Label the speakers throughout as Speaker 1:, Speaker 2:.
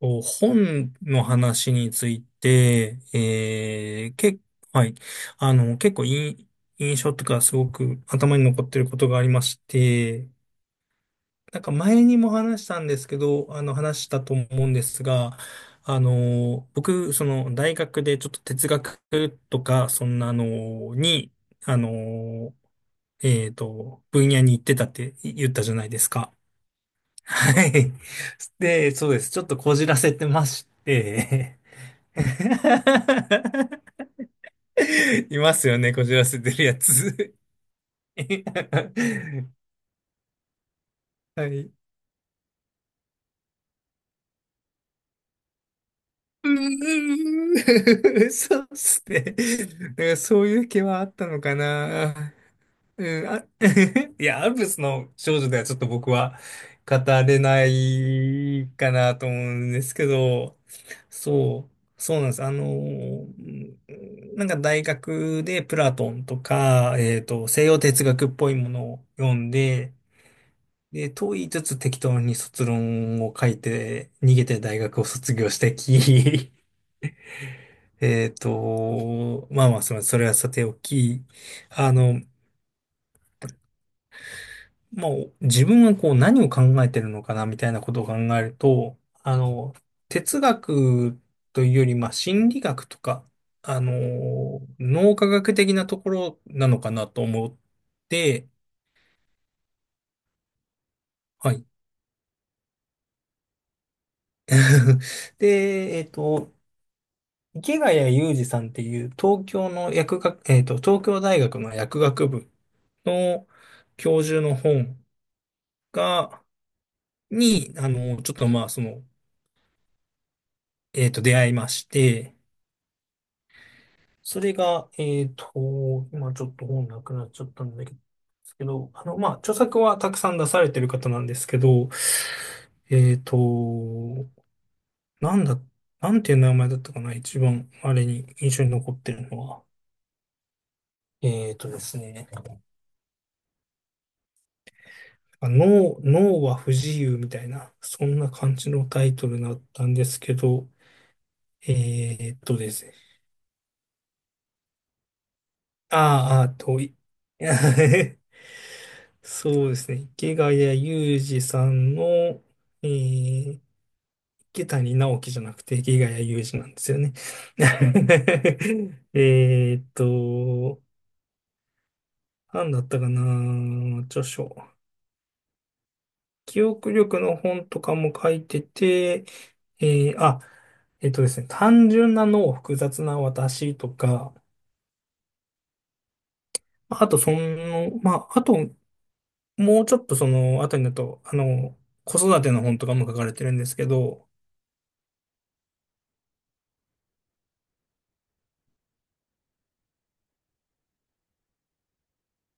Speaker 1: と、本の話について、はい。結構いい印象とかすごく頭に残ってることがありまして、なんか前にも話したんですけど、話したと思うんですが、僕、大学でちょっと哲学とか、そんなのに、あの、分野に行ってたって言ったじゃないですか。はい。で、そうです。ちょっとこじらせてまして、いますよね、こじらせてるやつ。はい。そうっすね。なんかそういう気はあったのかな。うん、いや、アルプスの少女ではちょっと僕は語れないかなと思うんですけど、そう、そうなんです。うん、なんか大学でプラトンとか、西洋哲学っぽいものを読んで、で、問いつつ適当に卒論を書いて、逃げて大学を卒業してき、まあまあ、それはさておき、あの、まあ、自分はこう何を考えてるのかなみたいなことを考えると、哲学というより、まあ、心理学とか、あの、脳科学的なところなのかなと思って、はい。で、池谷裕二さんっていう東京の薬学、東京大学の薬学部の教授の本が、に、ちょっとまあ、出会いまして、それが、今ちょっと本なくなっちゃったんだけど、まあ、著作はたくさん出されてる方なんですけど、えっと、なんだ、なんていう名前だったかな、一番、あれに印象に残ってるのは。えっとですね、脳は不自由みたいな、そんな感じのタイトルだったんですけど、えっとですね遠い。そうですね。池谷裕二さんの、えー、池谷直樹じゃなくて池谷裕二なんですよね。えーっと、何だったかな、著書。記憶力の本とかも書いてて、えーあ、えっとですね、単純な脳、複雑な私とか、まああとその、まあ、あともうちょっとその後になると、子育ての本とかも書かれてるんですけど、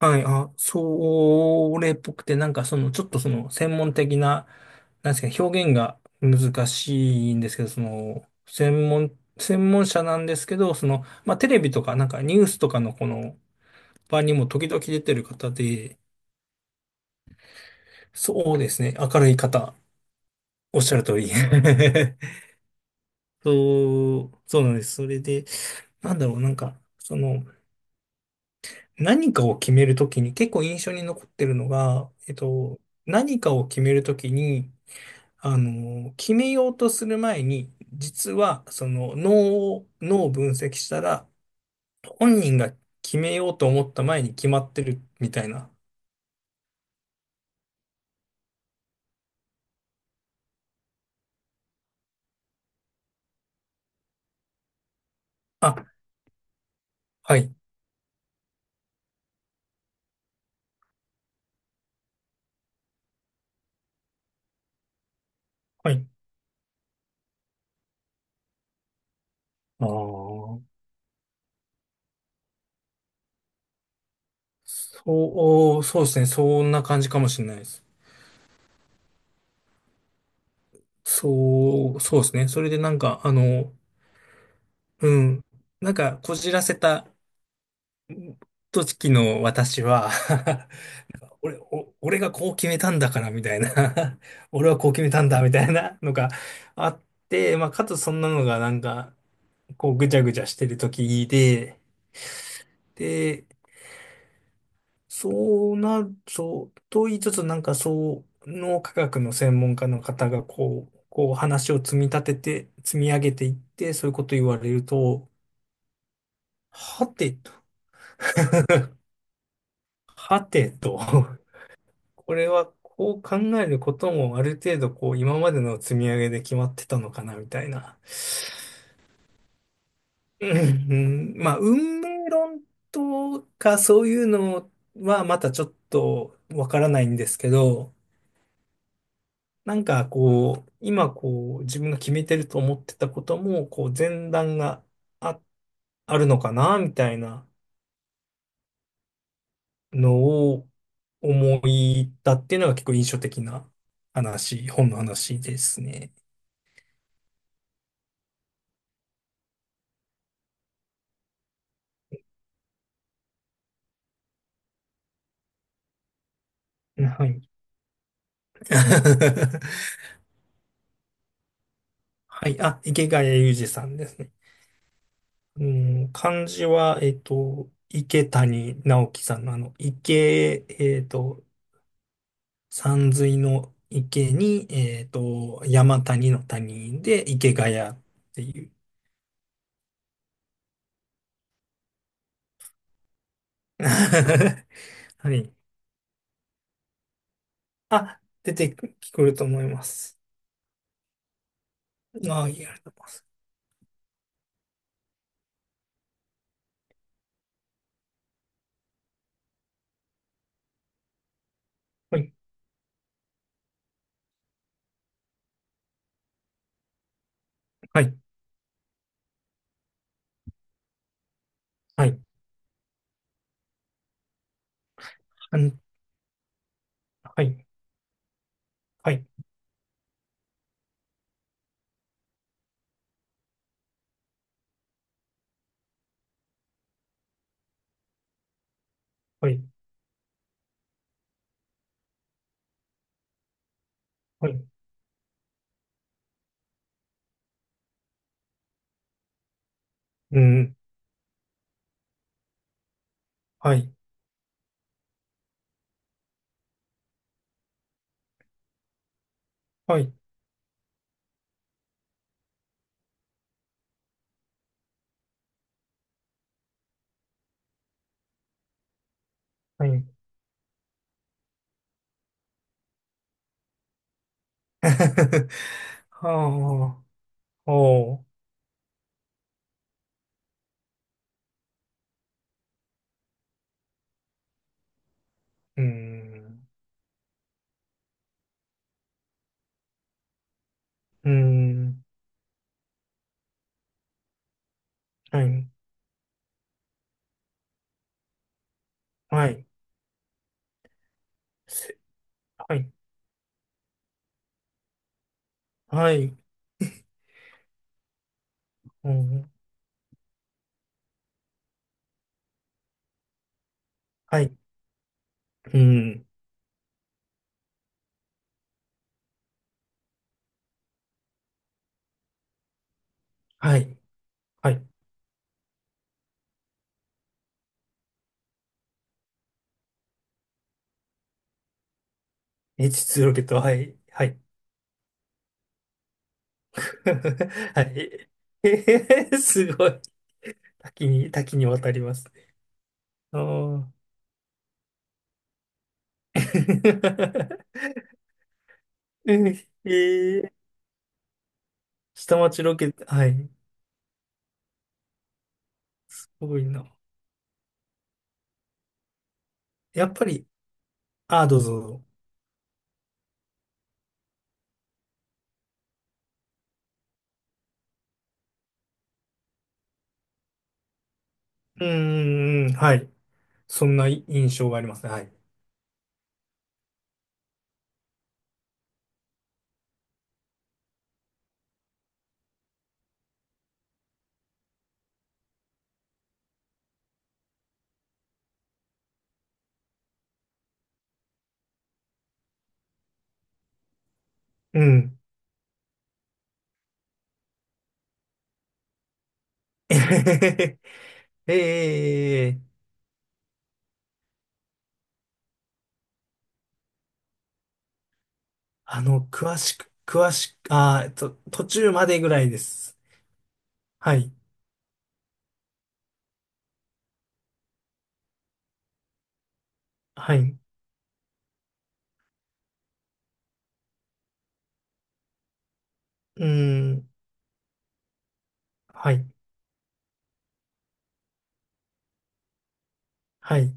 Speaker 1: はい、それっぽくて、なんかその、ちょっとその、専門的な、なんですかね、表現が難しいんですけど、専門者なんですけど、まあ、テレビとか、なんかニュースとかのこの場にも時々出てる方で、そうですね、明るい方、おっしゃる通り。そう、そうなんです。それで、なんだろう、なんか、何かを決めるときに結構印象に残ってるのが、何かを決めるときに、決めようとする前に、実はその脳を分析したら、本人が決めようと思った前に決まってるみたいな。あ、はい、はい。ああ、そう、そうですね。そんな感じかもしれないです。そう、そうですね。それでなんか、うん。なんか、こじらせた時の私は 俺がこう決めたんだから、みたいな 俺はこう決めたんだ、みたいなのがあって、まあ、かつそんなのがなんか、こうぐちゃぐちゃしてる時で、で、そうなる、そう、と言いつつなんかその科学の専門家の方がこう話を積み立てて、積み上げていって、そういうこと言われると、はてと、はてとこれはこう考えることもある程度こう今までの積み上げで決まってたのかなみたいな。うん、まあ運命論とかそういうのはまたちょっとわからないんですけど、なんかこう今こう自分が決めてると思ってたこともこう前段があ、あるのかなみたいなのを思いたっていうのが結構印象的な話、本の話ですね。はい。はい。あ、池谷裕二さんですね。うん、漢字は、池谷直樹さんのあの、池、えっと、山水の池に、山谷の谷で池谷っていう。はい。あ、出てくると思います。あ、ありがとうございます。はい。はい。はい。あんはい。はい。はい。はい。うん。はい。はい。はい。はあ。おーうーん。うーん。はい。はい。せはい。はい。うん。はい。うん。はい。はい。H2 ロケット。はい。はい。はい。えへへすごい。多岐に、多岐にわたりますね。ああ。ええー、下町ロケット。はい。すごいな。やっぱり、ああ、どうぞ。うーん。はい。そんな印象がありますね。はい。うん。えへへへ 詳しく、詳しく、途中までぐらいです。はい、はい、うーん、はい、はい、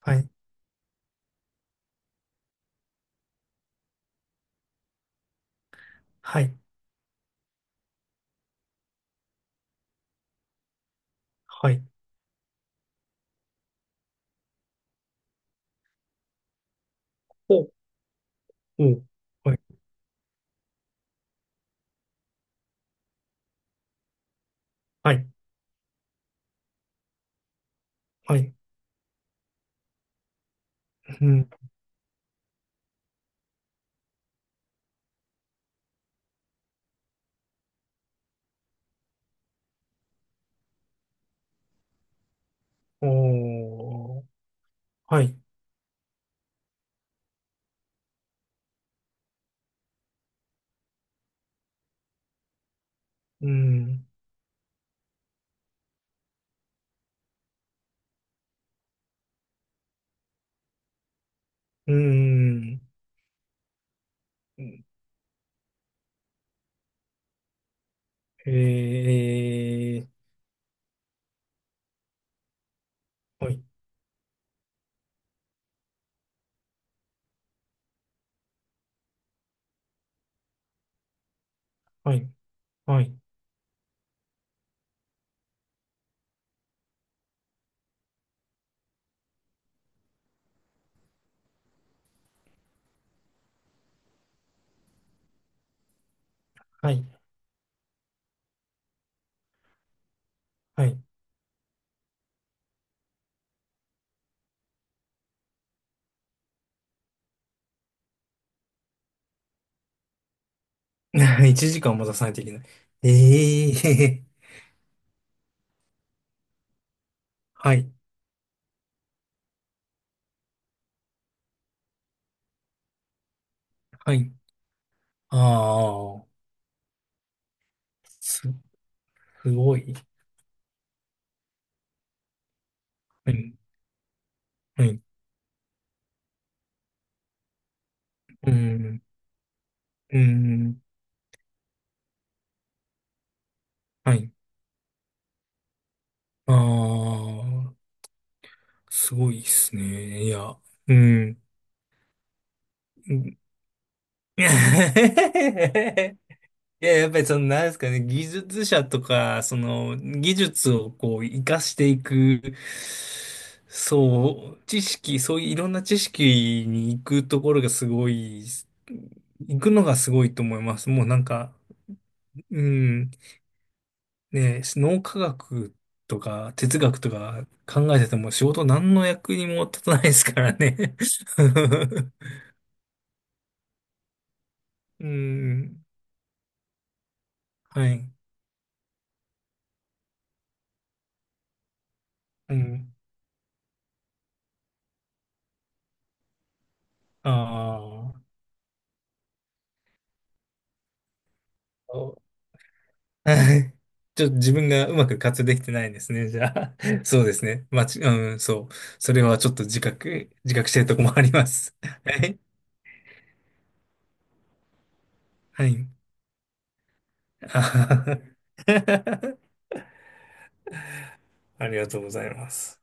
Speaker 1: はい、はい、はい、お、お、はい、はい、はい、うん、おー、はい、うん、うん、えー、はい、はい、はい、はい、はい。1時間も出さないといけない。ええー、はい、はい。ああ、す、すごい。はい、はい、うん、うん、はい。ああ、すごいっすね。いや、うん。うん いや、やっぱりなんですかね、技術者とか、その、技術をこう、活かしていく、そう、知識、そういういろんな知識に行くところがすごい、行くのがすごいと思います。もうなんか、うん。ね、脳科学とか哲学とか考えてても仕事何の役にも立たないですからね。うん。はい。うん。ああ。そうはい。ちょっと自分がうまく活用できてないんですね。じゃあ。そうですね。うん、そう。それはちょっと自覚してるとこもあります。はい。はい。あはは ありがとうございます。